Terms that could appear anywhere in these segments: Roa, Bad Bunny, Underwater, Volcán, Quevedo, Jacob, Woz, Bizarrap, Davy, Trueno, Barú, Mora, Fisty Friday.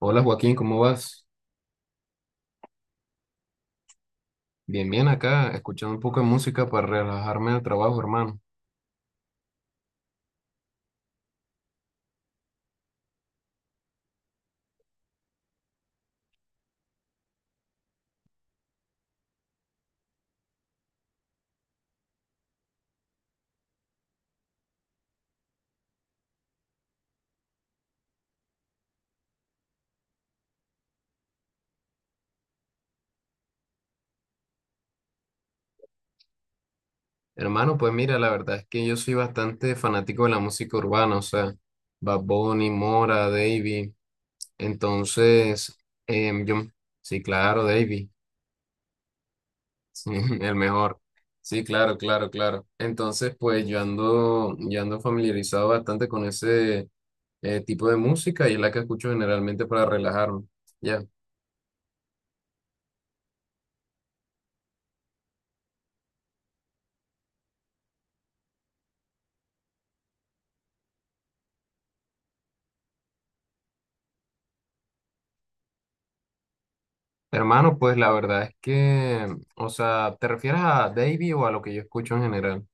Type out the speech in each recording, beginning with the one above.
Hola Joaquín, ¿cómo vas? Bien, bien acá, escuchando un poco de música para relajarme del trabajo, hermano. Hermano, pues mira, la verdad es que yo soy bastante fanático de la música urbana, o sea, Bad Bunny, Mora, Davy. Entonces, em, yo, sí, claro, Davy, sí, el mejor. Sí, claro, claro, claro. Entonces, pues yo ando familiarizado bastante con ese tipo de música y es la que escucho generalmente para relajarme. Ya. Hermano, pues la verdad es que, o sea, ¿te refieres a Davey o a lo que yo escucho en general?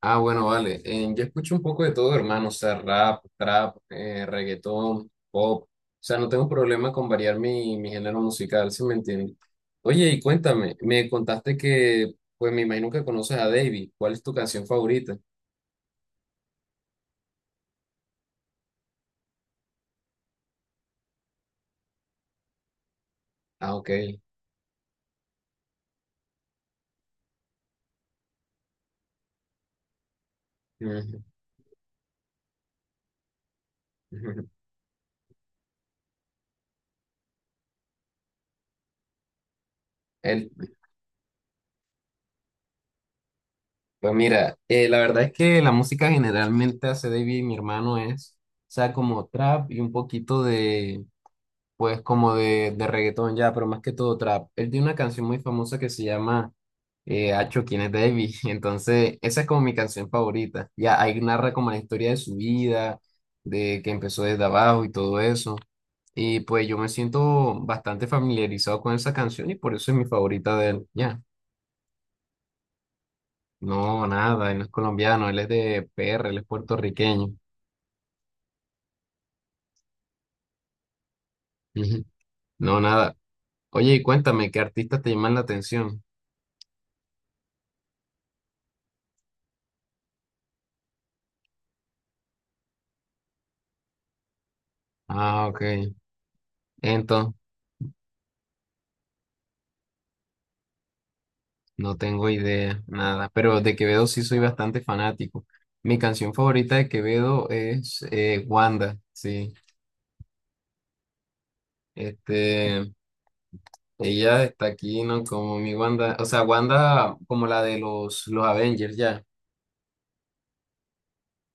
Ah, bueno, vale. Yo escucho un poco de todo, hermano. O sea, rap, trap, reggaetón, pop. O sea, no tengo problema con variar mi género musical, ¿si me entiendes? Oye, y cuéntame, me contaste que, pues me imagino que conoces a Davey. ¿Cuál es tu canción favorita? Ah, ok. Ujú. El Pues mira, la verdad es que la música generalmente hace David y mi hermano es, o sea, como trap y un poquito de, pues como de reggaetón ya, pero más que todo trap. Él tiene una canción muy famosa que se llama Acho, ¿quién es David? Entonces, esa es como mi canción favorita. Ya ahí narra como la historia de su vida, de que empezó desde abajo y todo eso. Y pues yo me siento bastante familiarizado con esa canción y por eso es mi favorita de él, ya. No, nada, él no es colombiano, él es de PR, él es puertorriqueño. Ujú. No, nada. Oye, y cuéntame, ¿qué artistas te llaman la atención? Ah, ok. Entonces, no tengo idea, nada. Pero de Quevedo sí soy bastante fanático. Mi canción favorita de Quevedo es Wanda, sí. Este, ella está aquí, ¿no? Como mi Wanda, o sea, Wanda como la de los Avengers, ya.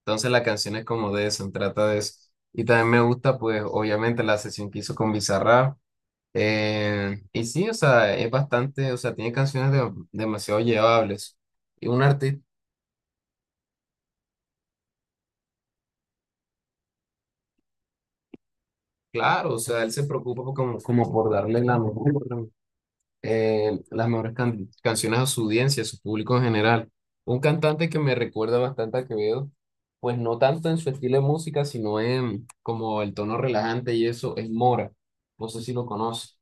Entonces la canción es como de eso, trata de eso. Y también me gusta, pues, obviamente la sesión que hizo con Bizarrap. Y sí, o sea, es bastante, o sea, tiene canciones de- demasiado llevables. Y un artista, claro, o sea, él se preocupa por como, como por darle la mejor, las mejores can- canciones a su audiencia, a su público en general. Un cantante que me recuerda bastante a Quevedo, pues no tanto en su estilo de música, sino en como el tono relajante y eso, es Mora. No sé si lo conoces.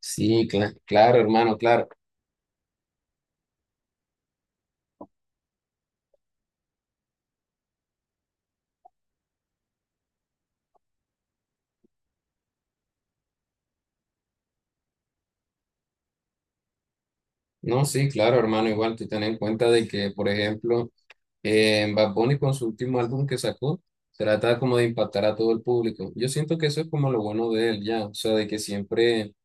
Sí, cla- claro, hermano, claro. No, sí, claro, hermano, igual tú ten en cuenta de que, por ejemplo, en Bad Bunny con su último álbum que sacó, trata como de impactar a todo el público. Yo siento que eso es como lo bueno de él ya, o sea, de que siempre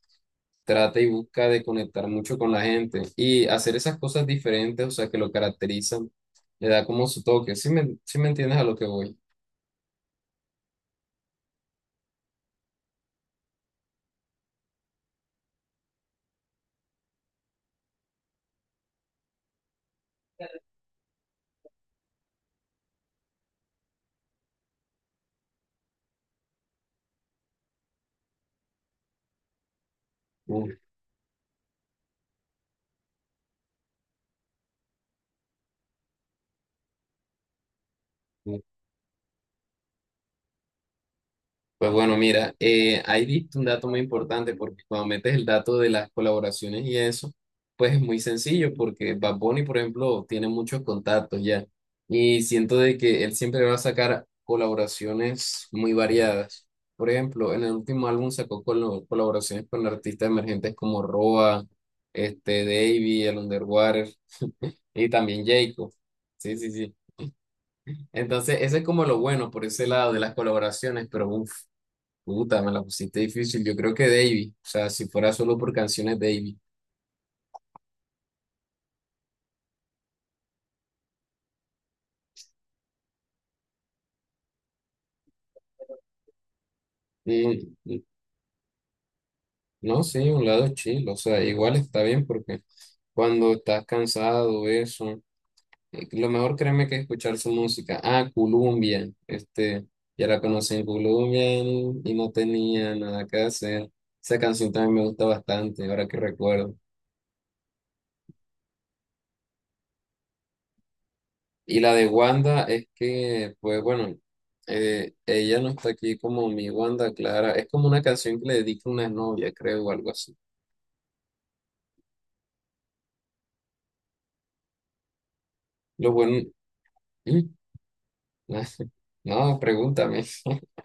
trata y busca de conectar mucho con la gente y hacer esas cosas diferentes, o sea, que lo caracterizan, le da como su toque. Sí me entiendes a lo que voy? Uf. Pues bueno, mira, ahí diste un dato muy importante porque cuando metes el dato de las colaboraciones y eso, pues es muy sencillo porque Bad Bunny, por ejemplo, tiene muchos contactos ya y siento de que él siempre va a sacar colaboraciones muy variadas. Por ejemplo, en el último álbum sacó colo- colaboraciones con artistas emergentes como Roa, este, Davey, el Underwater y también Jacob. Sí, sí, sí. Entonces, eso es como lo bueno por ese lado de las colaboraciones, pero uff. Puta, me la pusiste difícil. Yo creo que Davy. O sea, si fuera solo por canciones Davy. Mm, no, sí, un lado chill. O sea, igual está bien porque cuando estás cansado, eso. Lo mejor créeme que es escuchar su música. Ah, Columbia. Este, ya la conocí en Columbia y no tenía nada que hacer. Esa canción también me gusta bastante, ahora que recuerdo. Y la de Wanda es que, pues bueno, ella no está aquí como mi Wanda Clara. Es como una canción que le dedica una novia, creo, o algo así. Lo bueno. ¿Mm? No, pregúntame.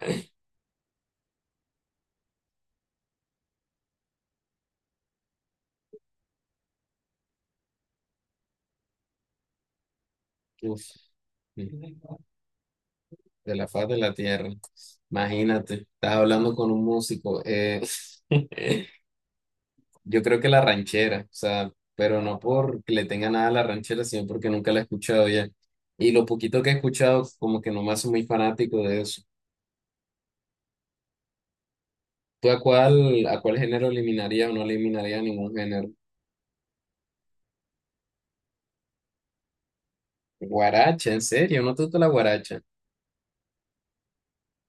Uf, de la faz de la tierra. Imagínate, estás hablando con un músico. Yo creo que la ranchera, o sea, pero no porque le tenga nada a la ranchera, sino porque nunca la he escuchado ya. Y lo poquito que he escuchado, como que no me hace muy fanático de eso. ¿Tú a cuál género eliminaría o no eliminaría ningún género? Guaracha, en serio, no te gusta la guaracha.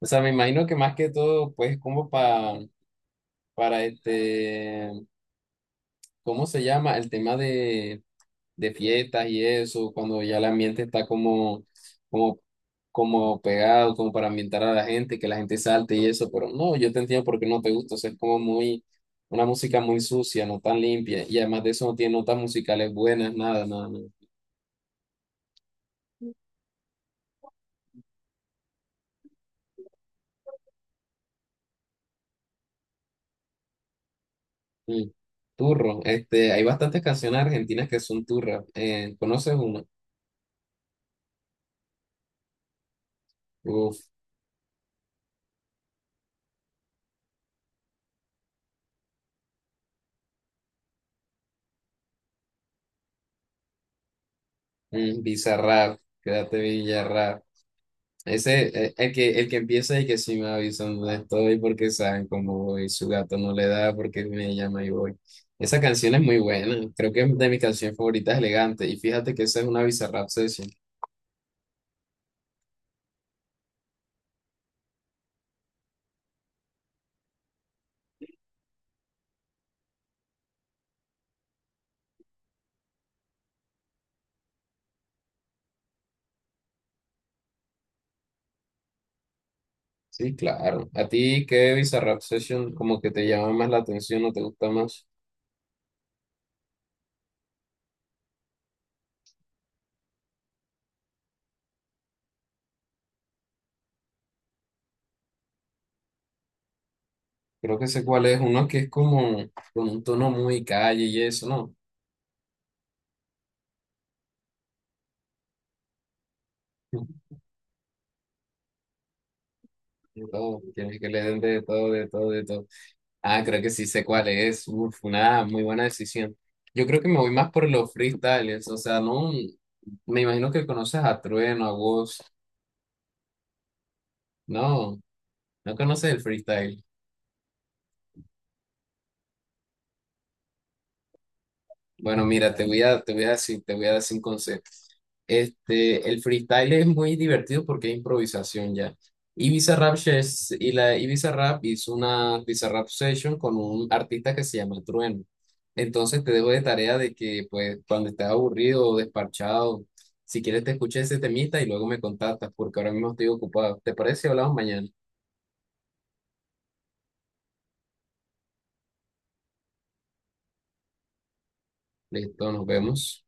O sea, me imagino que más que todo, pues, como para este, ¿cómo se llama? El tema de fiestas y eso, cuando ya el ambiente está como, como, como pegado, como para ambientar a la gente, que la gente salte y eso, pero no, yo te entiendo por qué no te gusta, o sea, es como muy, una música muy sucia, no tan limpia, y además de eso no tiene notas musicales buenas, nada, nada, nada. Mm, Turro, este, hay bastantes canciones argentinas que son turras. ¿Conoces una? Uf, Bizarrap, quédate Villarrap. Ese, el que empieza y que sí me avisan dónde estoy porque saben cómo voy, su gato no le da porque me llama y voy. Esa canción es muy buena, creo que es de mis canciones favoritas, elegante. Y fíjate que esa es una Bizarrap Session. Sí, claro. ¿A ti qué Bizarrap Session como que te llama más la atención o te gusta más? Creo que sé cuál es. Uno que es como con un tono muy calle y eso, ¿no? De todo, tienes que le den de todo, de todo, de todo. Ah, creo que sí sé cuál es. Uf, una muy buena decisión. Yo creo que me voy más por los freestyles. O sea, no. Me imagino que conoces a Trueno, a Woz. No, no conoces el freestyle. Bueno, mira, te voy a decir, te voy a decir un consejo. Este, el freestyle es muy divertido porque es improvisación ya. Y Bizarrap, Shes- y la, y Bizarrap hizo una Bizarrap Session con un artista que se llama Trueno. Entonces te dejo de tarea de que pues cuando estés aburrido o desparchado, si quieres te escuches ese temita y luego me contactas porque ahora mismo estoy ocupado. ¿Te parece? Si hablamos mañana. Listo, nos vemos.